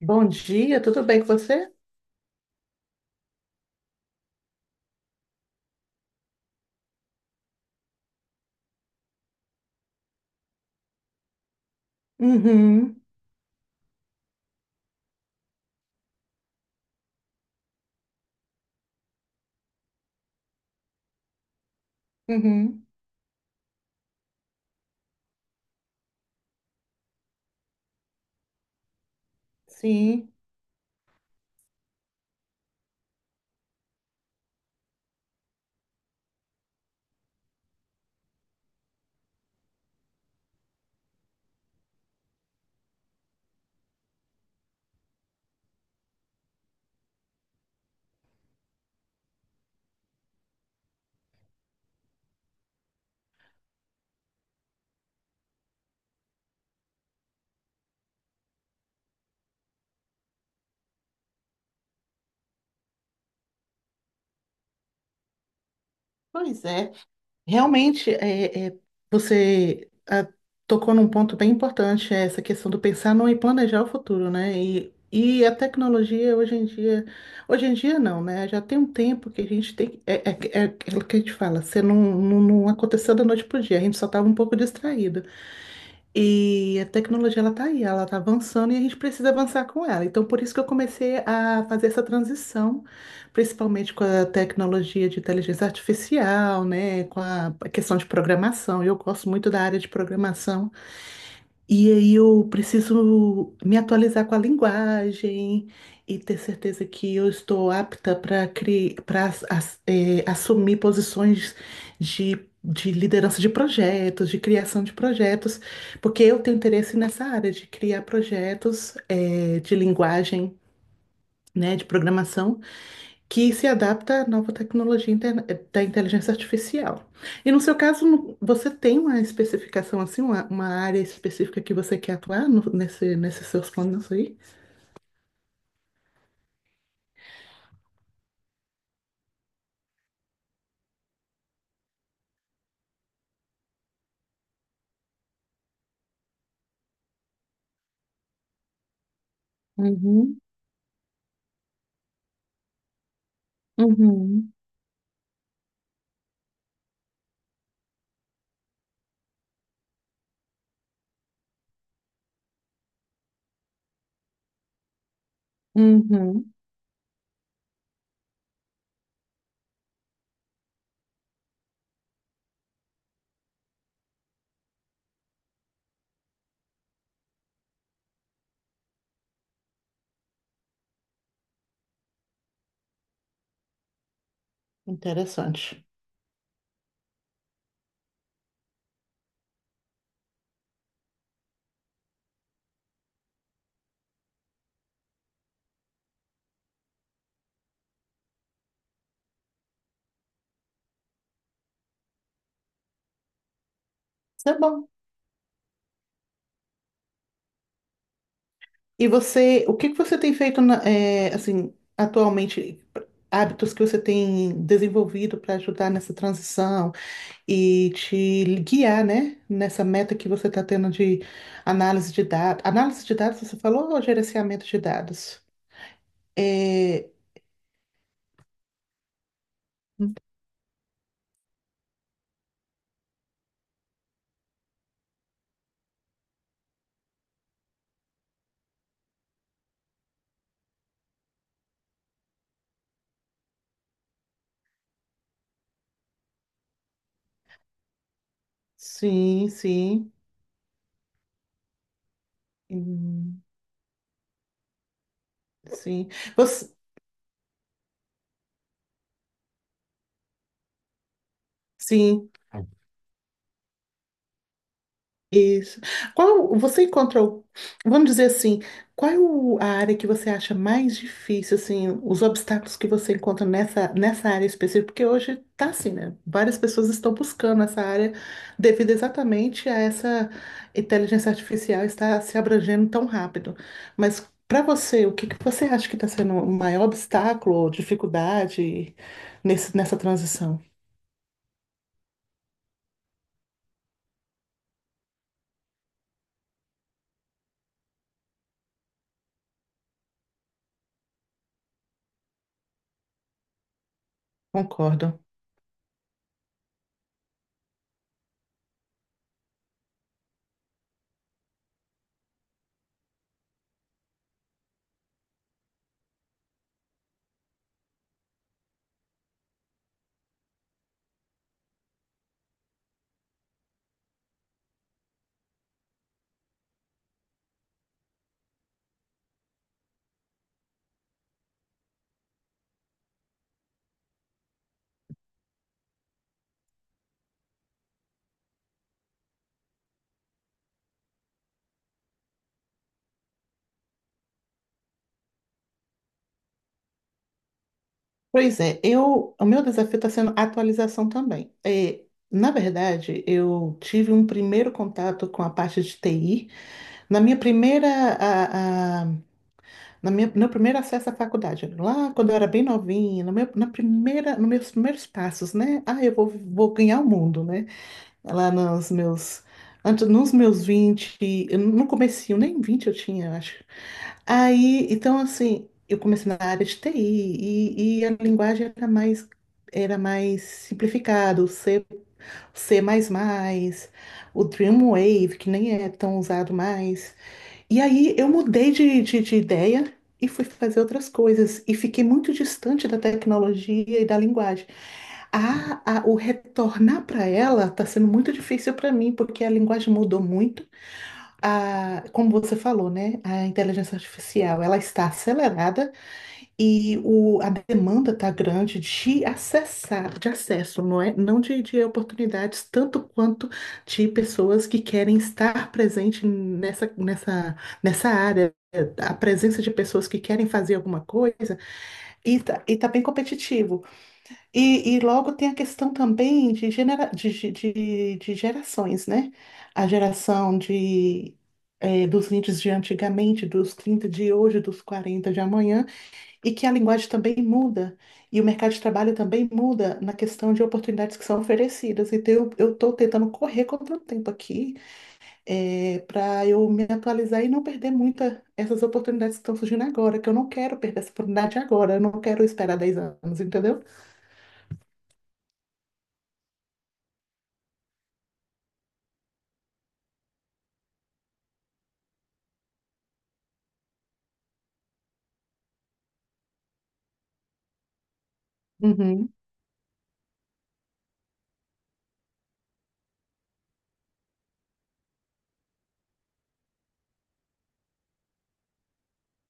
Bom dia, tudo bem com você? Uhum, uhum, sim. Pois é. Realmente, você tocou num ponto bem importante, é essa questão do pensar no e planejar o futuro, né? E a tecnologia hoje em dia não, né? Já tem um tempo que a gente tem, é aquilo que a gente fala, você não aconteceu da noite para o dia, a gente só estava um pouco distraído. E a tecnologia ela tá aí, ela tá avançando e a gente precisa avançar com ela. Então, por isso que eu comecei a fazer essa transição, principalmente com a tecnologia de inteligência artificial, né, com a questão de programação. Eu gosto muito da área de programação. E aí eu preciso me atualizar com a linguagem e ter certeza que eu estou apta para assumir posições de liderança de projetos, de criação de projetos, porque eu tenho interesse nessa área de criar projetos de linguagem, né, de programação que se adapta à nova tecnologia da inteligência artificial. E no seu caso, você tem uma especificação assim, uma área específica que você quer atuar nesse, nesses seus planos aí? Uhum, uhum, uhum. Interessante. Isso é bom. E você, o que que você tem feito assim, atualmente? Hábitos que você tem desenvolvido para ajudar nessa transição? E te guiar, né, nessa meta que você está tendo de análise de dados. Análise de dados, você falou, ou gerenciamento de dados? É, sim, sim. Hum, sim. Você, sim. Isso. Qual você encontrou, vamos dizer assim, qual é a área que você acha mais difícil, assim, os obstáculos que você encontra nessa área específica? Porque hoje tá assim, né? Várias pessoas estão buscando essa área devido exatamente a essa inteligência artificial estar se abrangendo tão rápido. Mas para você, o que que você acha que está sendo o maior obstáculo ou dificuldade nessa transição? Concordo. O meu desafio está sendo atualização também. Na verdade, eu tive um primeiro contato com a parte de TI na minha primeira, a- na minha, meu primeiro acesso à faculdade, lá quando eu era bem novinha, no meu, na primeira, nos meus primeiros passos, né? Ah, eu vou ganhar o mundo, né? Lá nos meus, antes, nos meus 20 eu não comecei, nem 20 eu tinha, acho. Aí, então, assim, eu comecei na área de TI e a linguagem era mais simplificada, o C, C++, o Dreamwave, que nem é tão usado mais. E aí eu mudei de ideia e fui fazer outras coisas e fiquei muito distante da tecnologia e da linguagem. O retornar para ela está sendo muito difícil para mim, porque a linguagem mudou muito, como você falou, né, a inteligência artificial, ela está acelerada e a demanda está grande de acessar, de acesso, não é? Não de oportunidades, tanto quanto de pessoas que querem estar presente nessa área. A presença de pessoas que querem fazer alguma coisa e está bem competitivo. E logo tem a questão também de, de gerações, né? A geração de, dos 20 de antigamente, dos 30 de hoje, dos 40 de amanhã, e que a linguagem também muda, e o mercado de trabalho também muda na questão de oportunidades que são oferecidas. Então, eu estou tentando correr contra o tempo aqui, para eu me atualizar e não perder muita essas oportunidades que estão surgindo agora, que eu não quero perder essa oportunidade agora, eu não quero esperar 10 anos, entendeu?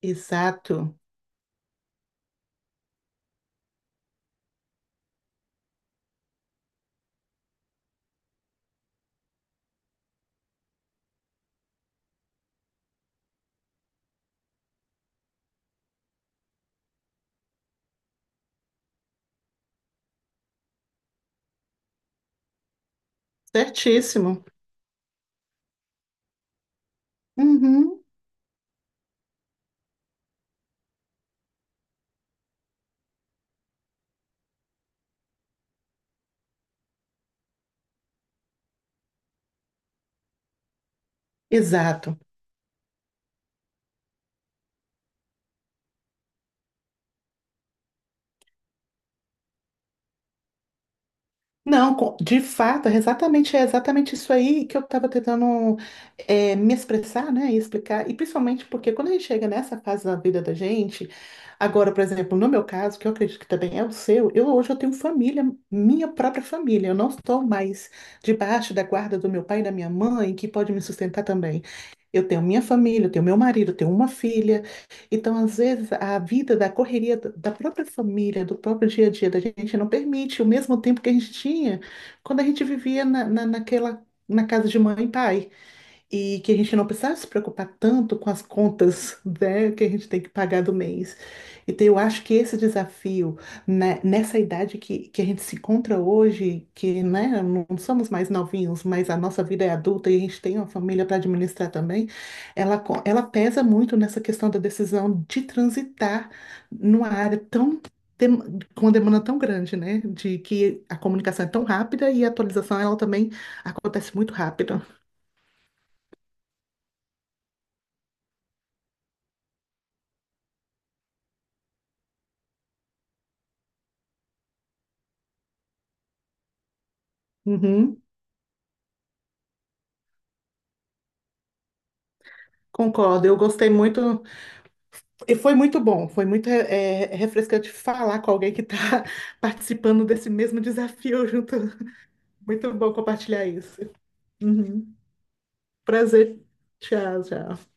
Exato, certíssimo. Uhum, exato. Não, de fato, é exatamente isso aí que eu estava tentando me expressar, né, e explicar, e principalmente porque quando a gente chega nessa fase da vida da gente, agora, por exemplo, no meu caso, que eu acredito que também é o seu, eu hoje eu tenho família, minha própria família, eu não estou mais debaixo da guarda do meu pai e da minha mãe, que pode me sustentar também. Eu tenho minha família, eu tenho meu marido, eu tenho uma filha. Então, às vezes, a vida da correria da própria família, do próprio dia a dia da gente não permite o mesmo tempo que a gente tinha quando a gente vivia na casa de mãe e pai e que a gente não precisava se preocupar tanto com as contas, né, que a gente tem que pagar do mês. Então, eu acho que esse desafio, né, nessa idade que a gente se encontra hoje, que, né, não somos mais novinhos, mas a nossa vida é adulta e a gente tem uma família para administrar também, ela pesa muito nessa questão da decisão de transitar numa área dem- com uma demanda tão grande, né? De que a comunicação é tão rápida e a atualização ela também acontece muito rápido. Uhum. Concordo, eu gostei muito, e foi muito bom, foi muito refrescante falar com alguém que está participando desse mesmo desafio junto. Muito bom compartilhar isso. Uhum. Prazer, tchau, tchau.